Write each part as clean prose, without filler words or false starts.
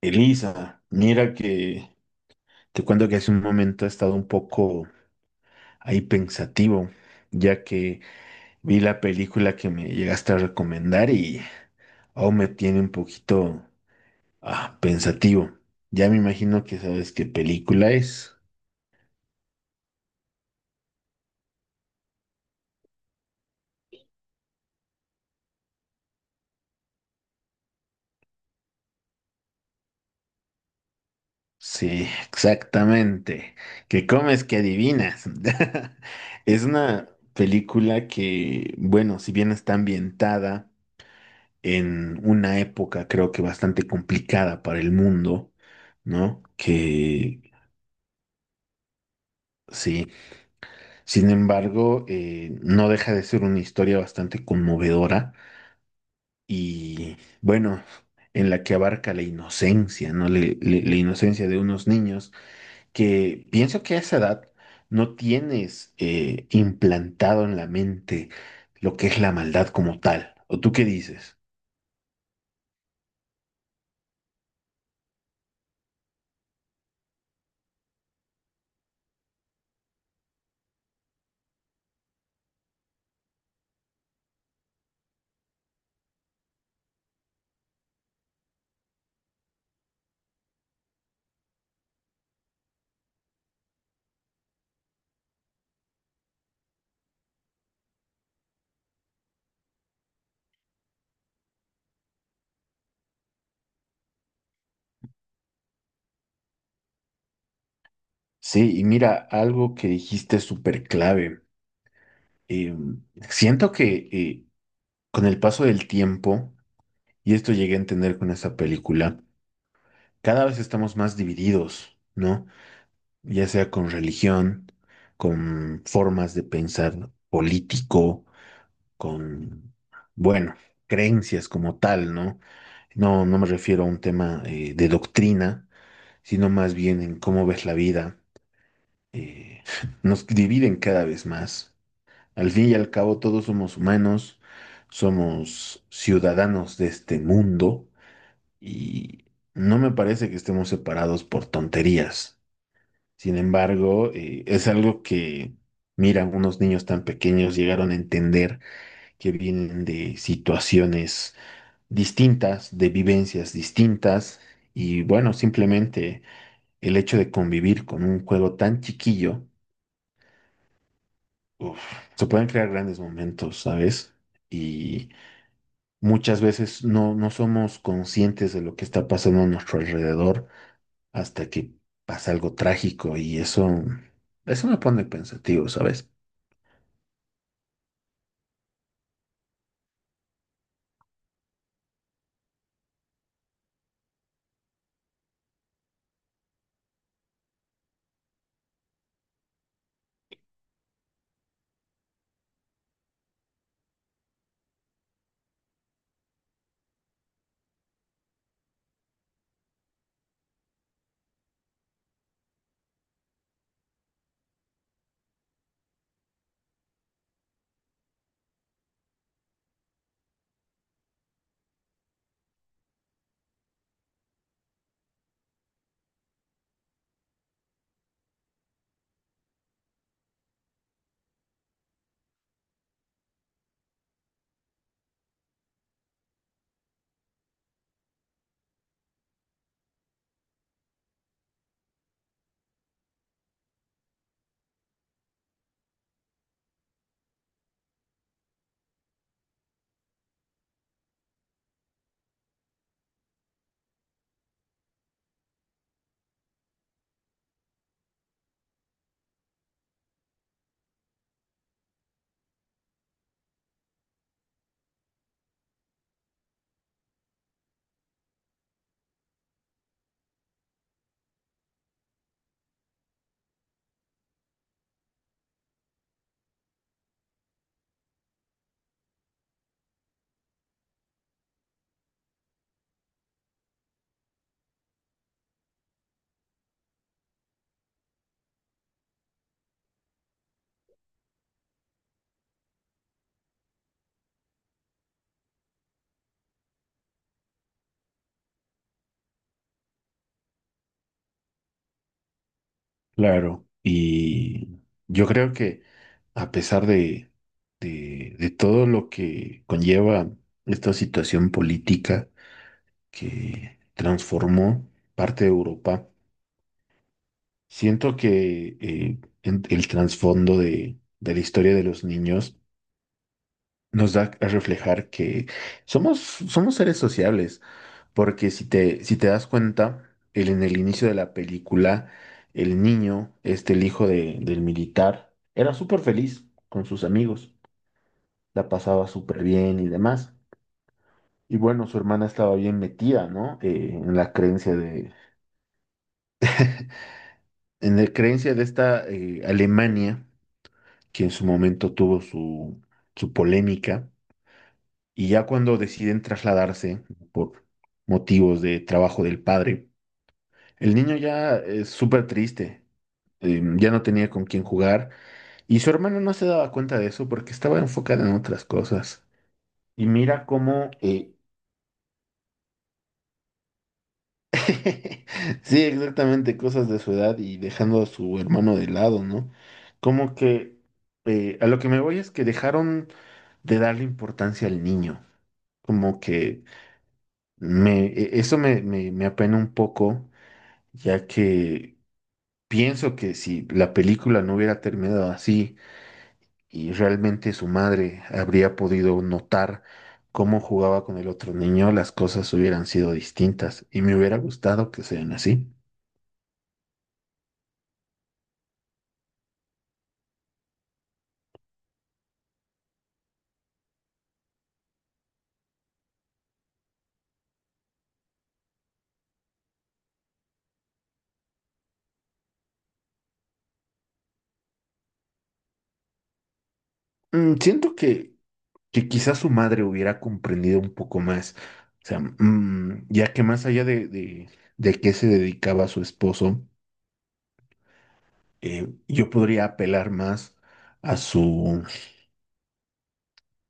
Elisa, mira que te cuento que hace un momento he estado un poco ahí pensativo, ya que vi la película que me llegaste a recomendar y aún me tiene un poquito pensativo. Ya me imagino que sabes qué película es. Sí, exactamente. ¿Qué comes, que adivinas? Es una película que, bueno, si bien está ambientada en una época creo que bastante complicada para el mundo, ¿no? Que sí, sin embargo, no deja de ser una historia bastante conmovedora y bueno, en la que abarca la inocencia, ¿no? La inocencia de unos niños que pienso que a esa edad no tienes implantado en la mente lo que es la maldad como tal. ¿O tú qué dices? Sí, y mira, algo que dijiste es súper clave. eh, Siento que con el paso del tiempo, y esto llegué a entender con esta película, cada vez estamos más divididos, ¿no? Ya sea con religión, con formas de pensar político, con, bueno, creencias como tal, ¿no? No, no me refiero a un tema de doctrina, sino más bien en cómo ves la vida. eh, Nos dividen cada vez más. Al fin y al cabo, todos somos humanos, somos ciudadanos de este mundo y no me parece que estemos separados por tonterías. Sin embargo, es algo que, mira, unos niños tan pequeños llegaron a entender que vienen de situaciones distintas, de vivencias distintas y bueno, simplemente el hecho de convivir con un juego tan chiquillo, uf, se pueden crear grandes momentos, ¿sabes? Y muchas veces no somos conscientes de lo que está pasando a nuestro alrededor hasta que pasa algo trágico y eso me pone pensativo, ¿sabes? Claro. Y yo creo que a pesar de, de todo lo que conlleva esta situación política que transformó parte de Europa, siento que el trasfondo de la historia de los niños nos da a reflejar que somos seres sociables, porque si te, si te das cuenta, en el inicio de la película, el niño, este, el hijo del militar, era súper feliz con sus amigos, la pasaba súper bien y demás. Y bueno, su hermana estaba bien metida, ¿no? En la creencia de, en la creencia de esta Alemania, que en su momento tuvo su, su polémica. Y ya cuando deciden trasladarse por motivos de trabajo del padre, el niño ya es súper triste, ya no tenía con quién jugar y su hermano no se daba cuenta de eso porque estaba enfocada en otras cosas. Y mira cómo, sí, exactamente, cosas de su edad y dejando a su hermano de lado, ¿no? Como que a lo que me voy es que dejaron de darle importancia al niño, como que... Eso me apena un poco, ya que pienso que si la película no hubiera terminado así y realmente su madre habría podido notar cómo jugaba con el otro niño, las cosas hubieran sido distintas y me hubiera gustado que sean así. Mm, siento que quizás su madre hubiera comprendido un poco más, o sea, mm, ya que más allá de qué se dedicaba su esposo, yo podría apelar más a su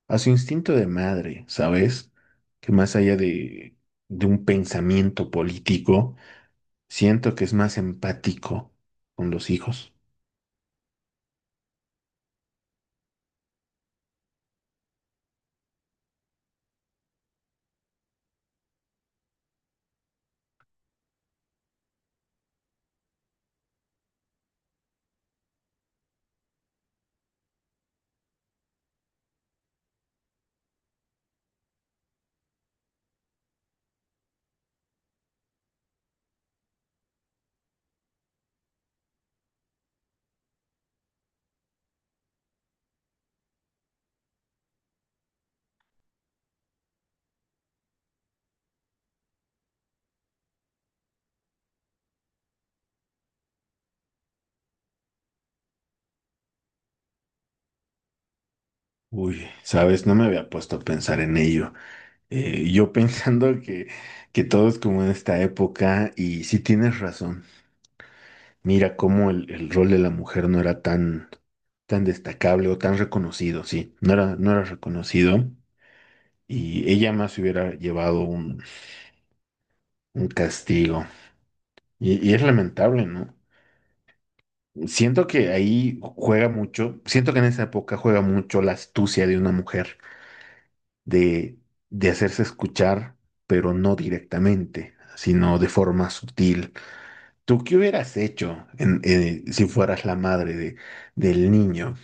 a su instinto de madre, ¿sabes? Que más allá de un pensamiento político, siento que es más empático con los hijos. Uy, ¿sabes? No me había puesto a pensar en ello. Yo pensando que todo es como en esta época, y sí tienes razón. Mira cómo el rol de la mujer no era tan destacable o tan reconocido, sí, no era reconocido. Y ella más hubiera llevado un castigo. Y es lamentable, ¿no? Siento que ahí juega mucho, siento que en esa época juega mucho la astucia de una mujer de, de hacerse escuchar, pero no directamente, sino de forma sutil. ¿Tú qué hubieras hecho si fueras la madre de, del niño?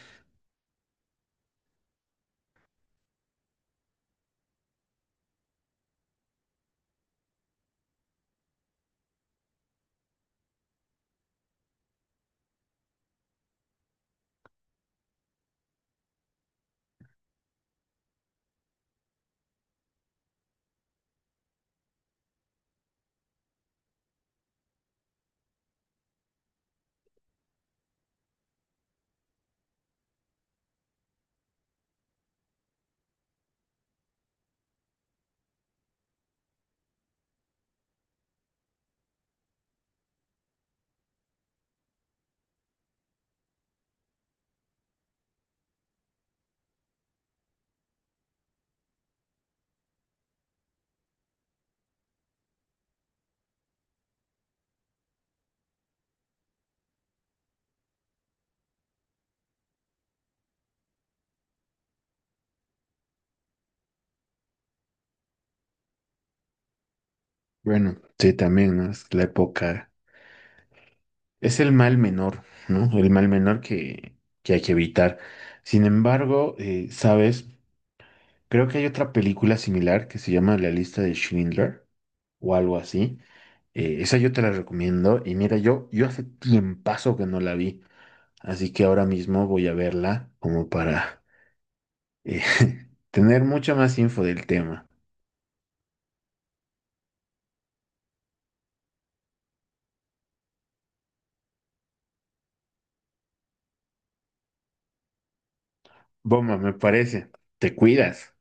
Bueno, sí, también, ¿no? Es la época, es el mal menor, ¿no? El mal menor que hay que evitar. Sin embargo, ¿sabes? Creo que hay otra película similar que se llama La lista de Schindler o algo así. Esa yo te la recomiendo. Y mira, yo hace tiempazo que no la vi. Así que ahora mismo voy a verla como para eh, tener mucha más info del tema. Bomba, me parece. Te cuidas.